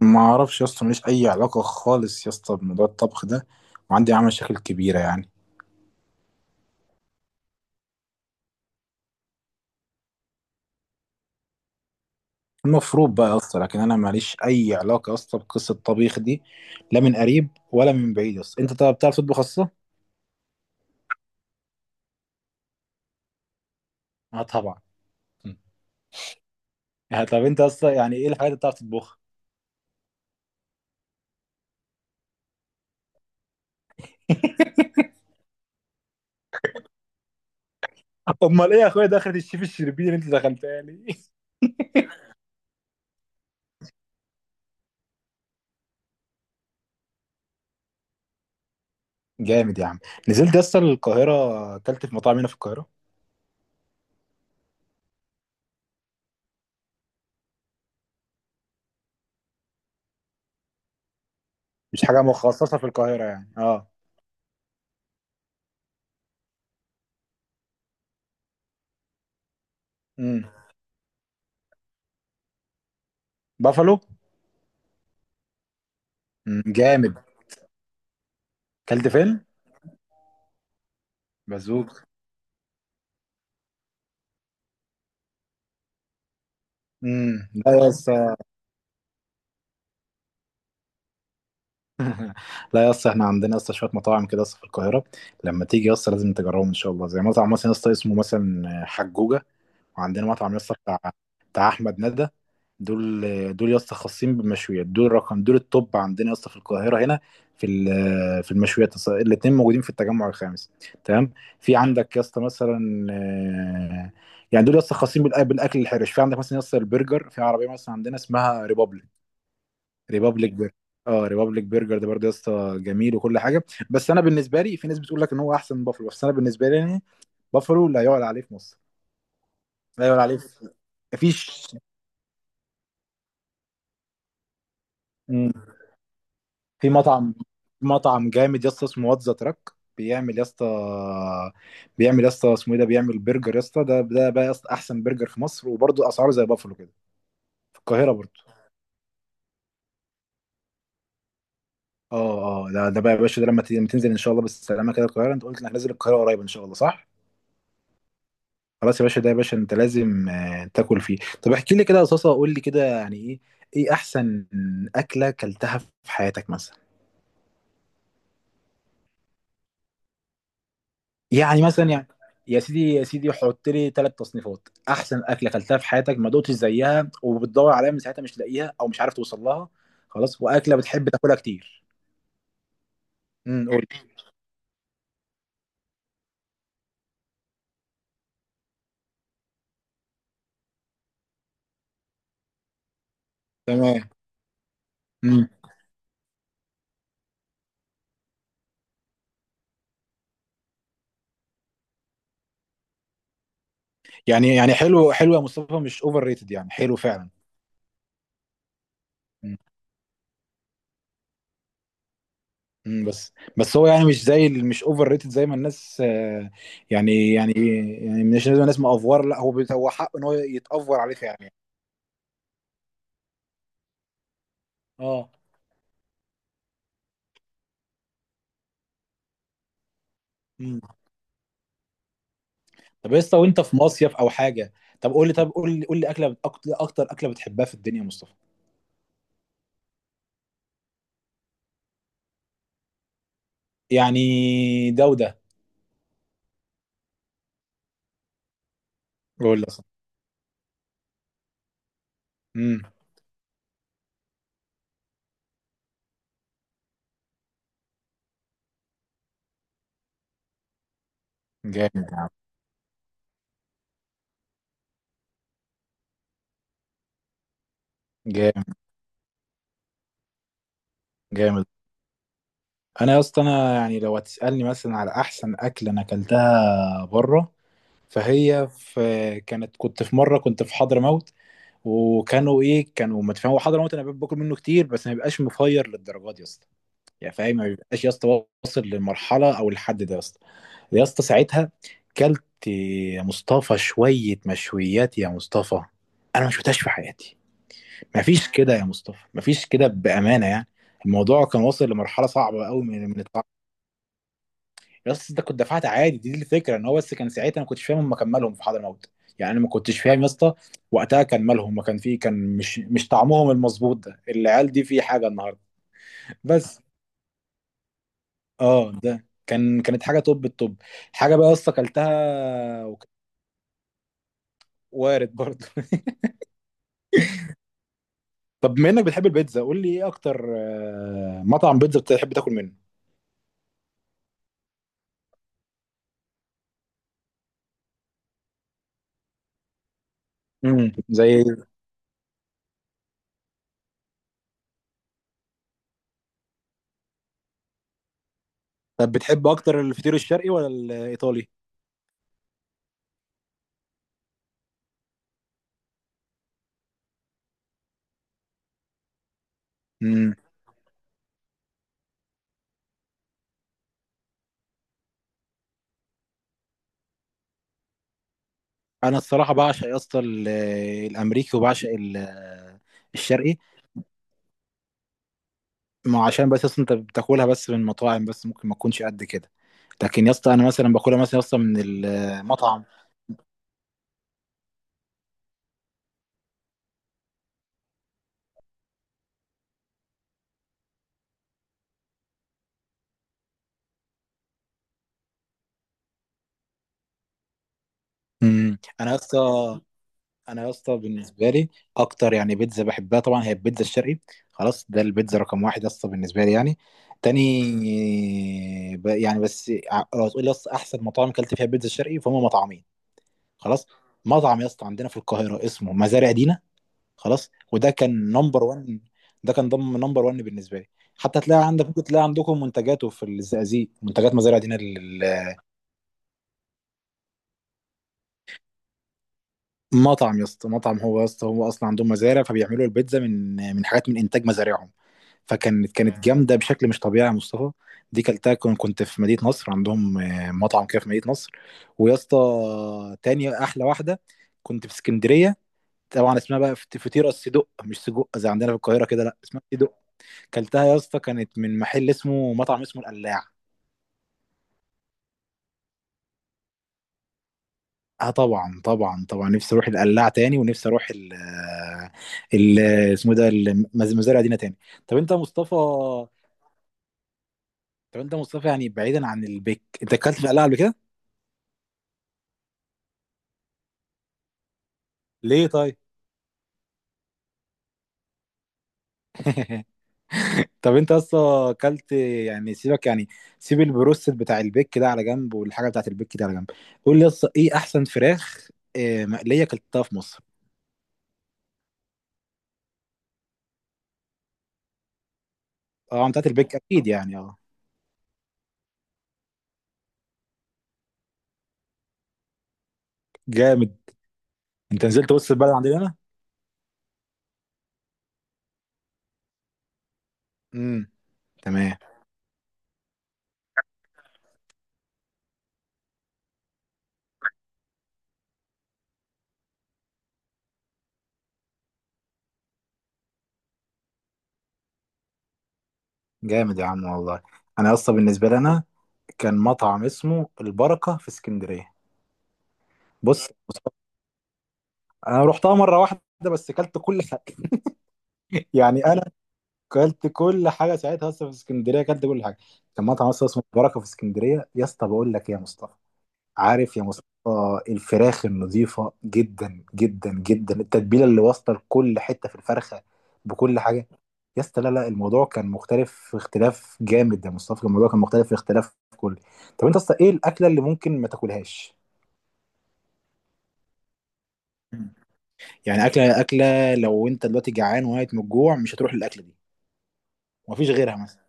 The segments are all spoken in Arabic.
ما اعرفش يا اسطى، ماليش اي علاقه خالص يا اسطى بموضوع الطبخ ده، وعندي معاه مشاكل كبيره المفروض بقى يا اسطى، لكن انا ماليش اي علاقه يا اسطى بقصه الطبيخ دي، لا من قريب ولا من بعيد يا اسطى. انت طب بتعرف تطبخ اصلا؟ اه طبعا. م. آه، طب انت اصلا يعني ايه الحاجات اللي بتعرف تطبخها؟ امال ايه يا اخويا، دخلت الشيف الشربيني اللي انت دخلتها لي. جامد يا عم. نزلت يا اسطى القاهره، اكلت في مطاعم هنا في القاهره؟ مش حاجه مخصصه في القاهره يعني، اه. امم. بافالو. امم، جامد. اكلت فين؟ بازوك. امم. لا يا اسطى. لا يا اسطى، احنا عندنا يا اسطى شويه مطاعم كده يا اسطى في القاهره، لما تيجي يا اسطى لازم تجربهم ان شاء الله، زي مطعم مثلا يا اسطى اسمه مثلا حجوجه، وعندنا مطعم يا اسطى بتاع، بتاع احمد ندى. دول دول يا اسطى خاصين بالمشويات، دول رقم، دول التوب عندنا يا اسطى في القاهره هنا. في المشويات الاثنين موجودين في التجمع الخامس، تمام. في عندك يا اسطى مثلا يعني دول يا اسطى خاصين بالاكل الحرش. في عندك مثلا يا اسطى البرجر، في عربيه مثلا عندنا اسمها ريبابليك، ريبابليك برجر. اه، ريبابليك برجر ده برضه يا اسطى جميل وكل حاجه، بس انا بالنسبه لي في ناس بتقول لك ان هو احسن من بافلو، بس انا بالنسبه لي يعني بافلو لا يعلى عليه في مصر. لا يعلى عليه في، مفيش. مم. في مطعم، مطعم جامد يا اسطى اسمه واتزا تراك، بيعمل يا اسطى، بيعمل يا اسطى اسمه ايه ده، بيعمل برجر يا اسطى. ده بقى يا اسطى احسن برجر في مصر، وبرضه اسعاره زي بافلو كده، في القاهره برضه. اه اه، ده بقى يا باشا، ده لما لما تنزل ان شاء الله بالسلامه كده القاهره، انت قلت انك نازل القاهره قريب ان شاء الله، صح؟ خلاص يا باشا، ده يا باشا انت لازم تاكل فيه. طب احكي لي كده يا صاصه، قول لي كده يعني ايه، ايه احسن اكله كلتها في حياتك مثلا؟ يعني مثلا يعني يا سيدي يا سيدي، حط لي ثلاث تصنيفات: احسن اكله كلتها في حياتك ما دقتش زيها وبتدور عليها من ساعتها مش لاقيها او مش عارف توصل لها، خلاص، واكله بتحب تاكلها كتير. امم، قول لي. تمام. امم. يعني، يعني حلو يا مصطفى، مش اوفر ريتد، يعني حلو فعلا. مم، بس. بس هو يعني مش اوفر ريتد زي ما الناس يعني يعني، يعني مش لازم الناس مأفور، لا هو هو حقه ان هو يتأفور عليه فعلا. اه. مم. طب يا اسطى، وانت في مصيف او حاجه، طب قول لي، طب قول لي، قول لي اكله اكتر اكله بتحبها في الدنيا يا مصطفى؟ يعني ده وده، قول لي اصلا. امم. جامد. جامد. جامد. انا يا اسطى، انا يعني لو هتسالني مثلا على احسن اكله انا اكلتها بره، فهي في، كانت، كنت في مره، كنت في حضرموت، وكانوا ايه، كانوا متفاهمين. هو حضرموت انا باكل منه كتير بس ما بيبقاش مفير للدرجات يا اسطى، يعني فاهم ما بيبقاش يا اسطى واصل للمرحله او الحد ده يا اسطى. يا اسطى ساعتها كلت يا مصطفى شويه مشويات يا مصطفى انا ما شفتهاش في حياتي. ما فيش كده يا مصطفى، ما فيش كده بامانه يعني. الموضوع كان واصل لمرحله صعبه قوي من التعب. يس، ده كنت دفعت عادي، دي الفكره، ان هو بس كان ساعتها انا ما كنتش فاهم هم كان مالهم في حضرموت. يعني انا ما كنتش فاهم يا اسطى وقتها كان مالهم، ما كان في، كان مش طعمهم المظبوط ده العيال دي في حاجه النهارده. بس، اه ده كان، كانت حاجه توب التوب. حاجه بقى يا اسطى اكلتها وارد برضه. طب بما انك بتحب البيتزا، قول لي ايه اكتر مطعم بيتزا بتحب تاكل منه؟ امم، زي. طب بتحب اكتر الفطير الشرقي ولا الايطالي؟ انا الصراحه بعشق يا اسطى الامريكي، وبعشق الشرقي. ما عشان بس اصلا انت بتاكلها بس من مطاعم، بس ممكن ما تكونش قد كده، لكن يا اسطى انا مثلا باكلها مثلا يا اسطى من المطعم. امم. انا يا اسطى، انا يا اسطى بالنسبه لي اكتر يعني بيتزا بحبها طبعا هي البيتزا الشرقي. خلاص، ده البيتزا رقم واحد يا اسطى بالنسبه لي يعني. تاني، يعني بس لو هتقول لي يا اسطى احسن مطاعم اكلت فيها بيتزا شرقي، فهم مطعمين. خلاص، مطعم يا اسطى عندنا في القاهره اسمه مزارع دينا. خلاص، وده كان نمبر 1. ده كان ضم نمبر 1 بالنسبه لي. حتى تلاقي عندك، ممكن تلاقي عندكم منتجاته في الزقازيق، منتجات مزارع دينا لل-. مطعم يا اسطى، مطعم هو يا اسطى هو اصلا عندهم مزارع، فبيعملوا البيتزا من حاجات من انتاج مزارعهم. فكانت جامده بشكل مش طبيعي يا مصطفى. دي كلتها كنت في مدينه نصر، عندهم مطعم كده في مدينه نصر. ويا اسطى، تاني احلى واحده كنت في اسكندريه. طبعا اسمها بقى فطيره الصدق، مش سجق زي عندنا في القاهره كده، لا اسمها، كلتها يا اسطى كانت من محل اسمه، مطعم اسمه القلاع. اه طبعا طبعا طبعا، نفسي اروح القلاع تاني، ونفسي اروح ال ال، اسمه ده مزارع دينا تاني. طب انت يا مصطفى، طب انت يا مصطفى، يعني بعيدا عن البيك، انت اكلت في القلاع قبل كده؟ ليه طيب؟ طب انت اصلا اكلت، يعني سيبك يعني، سيب البروستد بتاع البيك ده على جنب، والحاجه بتاعت البيك دي على جنب، قول لي اصلا ايه احسن فراخ مقليه اكلتها في مصر؟ اه بتاعت البيك اكيد يعني، اه. جامد. انت نزلت وسط البلد عندنا؟ امم. تمام. جامد يا عم والله. انا اصلا بالنسبه لي، انا كان مطعم اسمه البركه في اسكندريه. بص، انا رحتها مره واحده بس اكلت كل حاجه. يعني انا اكلت كل حاجه ساعتها اصلا في اسكندريه، اكلت كل حاجه. كان مطعم اصلا اسمه البركه في اسكندريه، يا اسطى بقول لك إيه يا مصطفى، عارف يا مصطفى الفراخ النظيفة جدا جدا جدا، التتبيلة اللي واصلة لكل حتة في الفرخة، بكل حاجة. يا اسطى لا لا، الموضوع كان مختلف في اختلاف جامد يا مصطفى، كان الموضوع كان مختلف في اختلاف كل. طب انت اصلا ايه الأكلة اللي ممكن ما تاكلهاش؟ يعني أكلة لو انت دلوقتي جعان وميت من الجوع مش هتروح للأكلة دي، مفيش غيرها مثلا.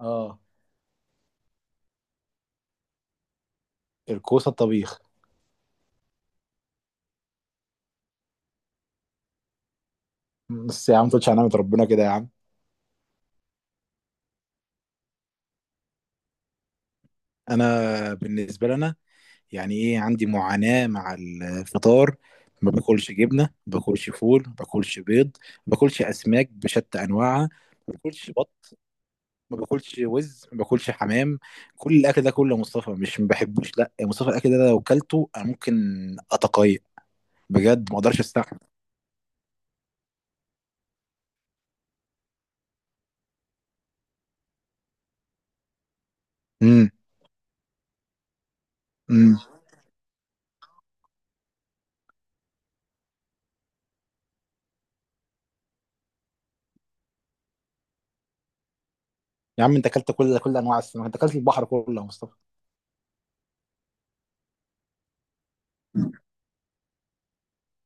اه، الكوسة الطبيخ. بس يا عم، ما تقولش على نعمة ربنا كده يا عم. انا بالنسبة لنا، يعني ايه، عندي معاناة مع الفطار، ما باكلش جبنة، ما باكلش فول، ما باكلش بيض، ما باكلش أسماك بشتى أنواعها، ما باكلش بط، ما باكلش وز، ما باكلش حمام. كل الأكل ده كله يا مصطفى مش ما بحبوش، لا يا مصطفى الأكل ده لو كلته أنا ممكن أتقيأ بجد، ما أقدرش أستحمل. امم. امم. يا عم أنت أكلت كل أنواع السمك، أنت أكلت البحر كله يا مصطفى.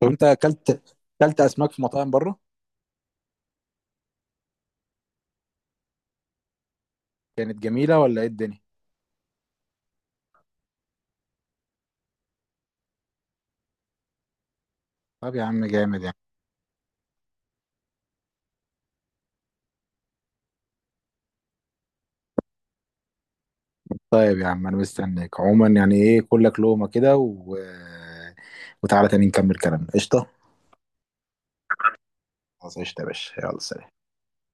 طب أنت أكلت، أكلت أسماك في مطاعم بره؟ كانت جميلة ولا إيه الدنيا؟ طب يا عم جامد يعني. طيب يا عم انا مستنيك عموما، يعني ايه كلك لقمة كده، و... وتعالى تاني نكمل كلامنا، قشطة. خلاص قشطة يا باشا، يلا سلام.